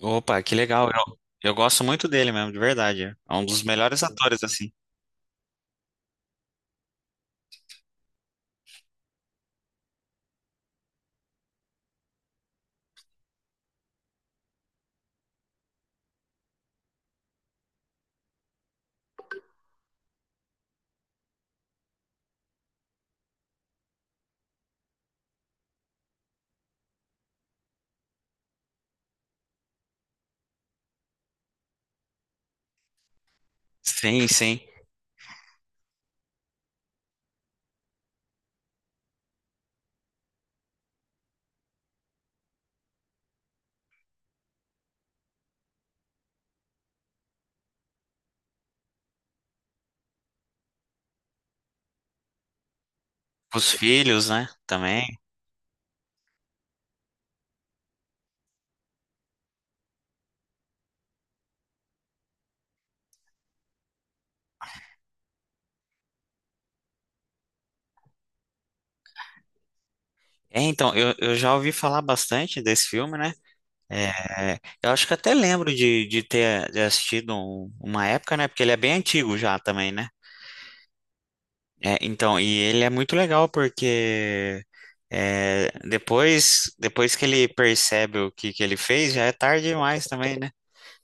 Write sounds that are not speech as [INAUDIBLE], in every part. Opa, que legal. Eu gosto muito dele mesmo, de verdade. É um dos melhores atores, assim. Sim, sim. Os filhos, né? Também. É, então, eu já ouvi falar bastante desse filme, né? É, eu acho que até lembro de ter assistido uma época, né? Porque ele é bem antigo já também, né? É, então, e ele é muito legal porque é, depois que ele percebe o que ele fez, já é tarde demais também, né?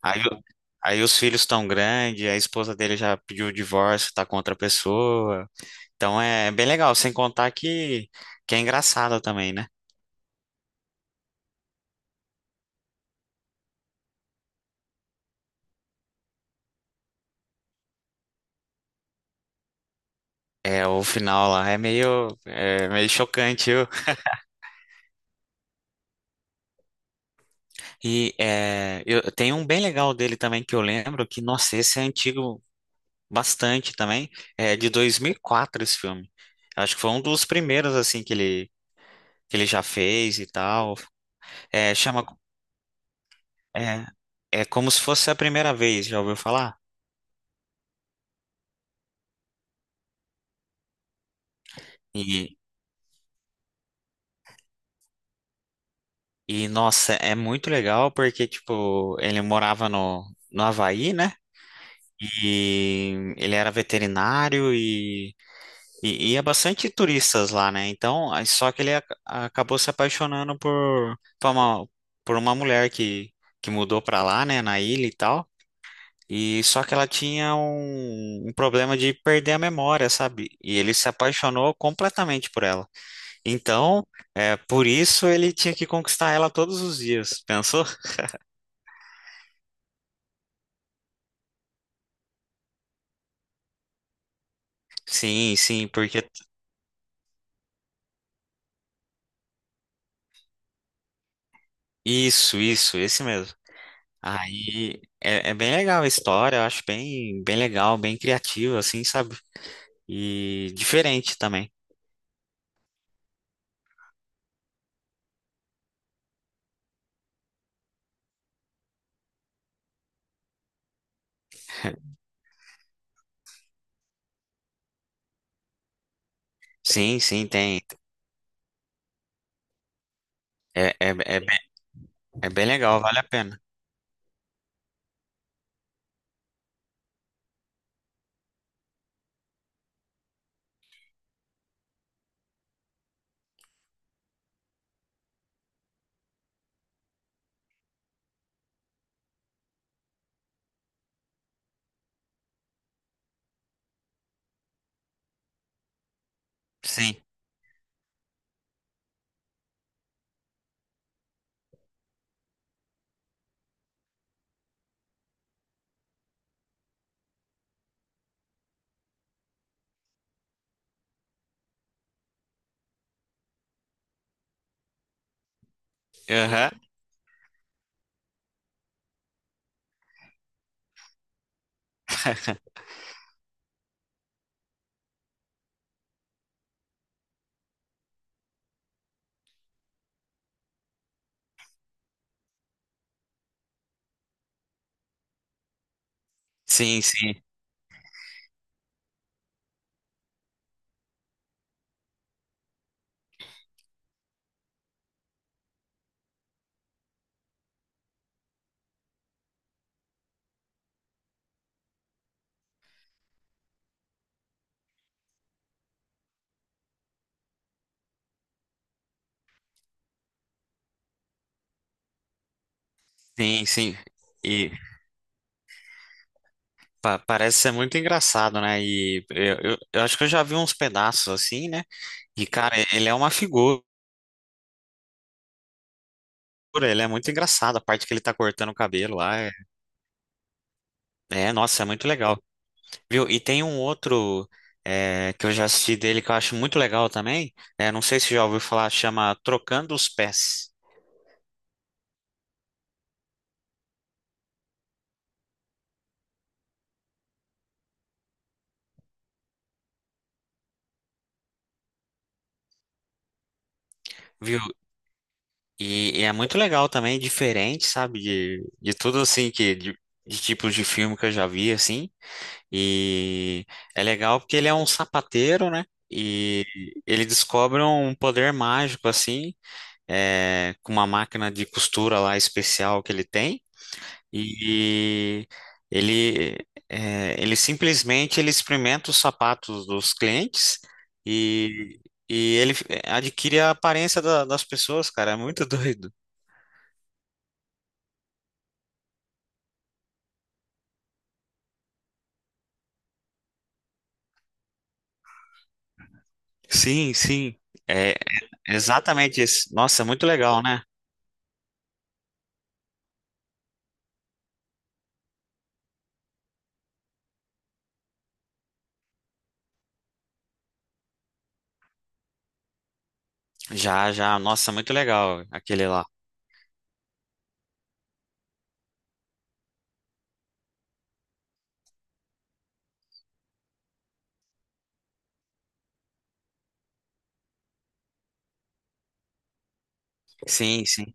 Aí, o- Aí os filhos estão grandes, a esposa dele já pediu o divórcio, tá com outra pessoa. Então é bem legal, sem contar que é engraçado também, né? É, o final lá é meio chocante. Eu, e é, eu, Tem um bem legal dele também que eu lembro, que, nossa, esse é antigo bastante também. É de 2004 esse filme. Acho que foi um dos primeiros, assim, que ele já fez e tal. É, chama, é, É como se fosse a primeira vez, já ouviu falar? E, nossa, é muito legal porque, tipo, ele morava no Havaí, né? E ele era veterinário e ia bastante turistas lá, né? Então, aí só que ele acabou se apaixonando por uma mulher que mudou pra lá, né? Na ilha e tal. E só que ela tinha um problema de perder a memória, sabe? E ele se apaixonou completamente por ela. Então, é por isso ele tinha que conquistar ela todos os dias. Pensou? Sim, sim, porque. Isso, esse mesmo. Aí é, é bem legal a história, eu acho bem, bem legal, bem criativa, assim, sabe? E diferente também. Sim, sim, tem. É, é, é, bem, É bem legal, vale a pena. Sim. Aham. [LAUGHS] Sim, sim, sim, sim. E parece ser muito engraçado, né? E eu acho que eu já vi uns pedaços assim, né? E, cara, ele é uma figura, ele é muito engraçado. A parte que ele tá cortando o cabelo lá nossa, é muito legal. Viu? E tem um outro é, que eu já assisti dele que eu acho muito legal também. É, não sei se já ouviu falar, chama Trocando os Pés. Viu? E é muito legal também, diferente, sabe? De tudo assim que de tipos de filme que eu já vi, assim. E é legal porque ele é um sapateiro, né? E ele descobre um poder mágico, assim, é, com uma máquina de costura lá especial que ele tem. E ele, é, ele simplesmente ele experimenta os sapatos dos clientes e, e ele adquire a aparência das pessoas, cara. É muito [LAUGHS] doido. Sim, sim. É exatamente isso. Nossa, muito legal, né? Já, já. Nossa, muito legal aquele lá. Sim, sim,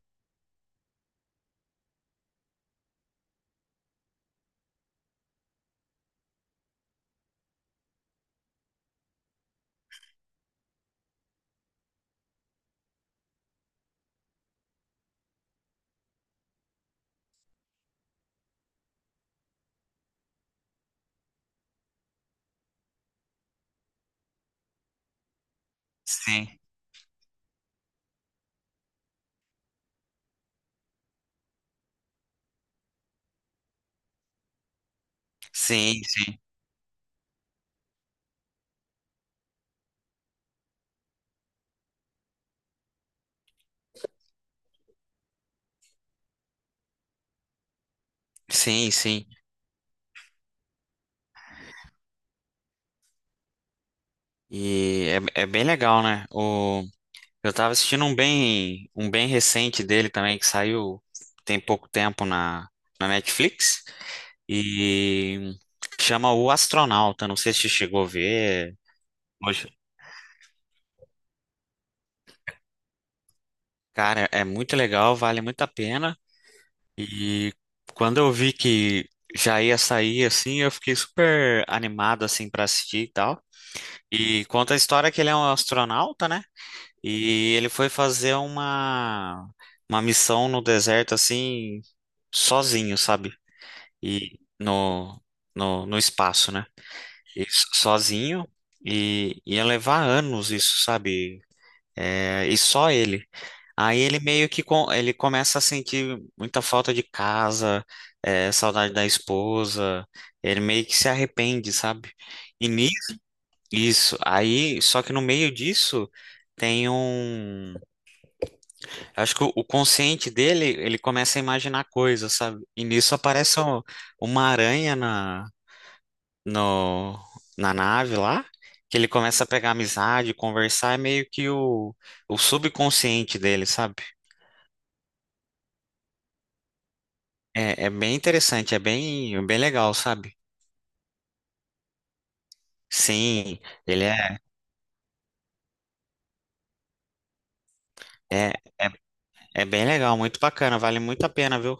sim, sim, sim, sim, sim. E é, é bem legal, né? Eu tava assistindo um bem recente dele também, que saiu tem pouco tempo na Netflix, e chama O Astronauta. Não sei se você chegou a ver. Hoje. Cara, é muito legal, vale muito a pena. E quando eu vi que já ia sair, assim, eu fiquei super animado, assim, para assistir e tal. E conta a história que ele é um astronauta, né? E ele foi fazer uma missão no deserto, assim, sozinho, sabe? E no espaço, né? E sozinho. E ia levar anos isso, sabe? É, e só ele. Aí ele meio que com, ele começa a sentir muita falta de casa, é, saudade da esposa. Ele meio que se arrepende, sabe? E nisso, isso. Aí, só que no meio disso tem um. Acho que o consciente dele, ele começa a imaginar coisas, sabe? E nisso aparece uma aranha na, no, na nave lá, que ele começa a pegar amizade, conversar, é meio que o subconsciente dele, sabe? É, é bem interessante, é bem, bem legal, sabe? Sim, ele é, é, é, é bem legal, muito bacana, vale muito a pena, viu?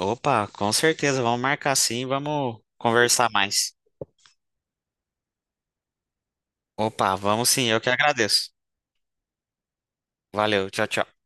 Opa, com certeza, vamos marcar sim, vamos conversar mais. Opa, vamos sim, eu que agradeço. Valeu, tchau, tchau.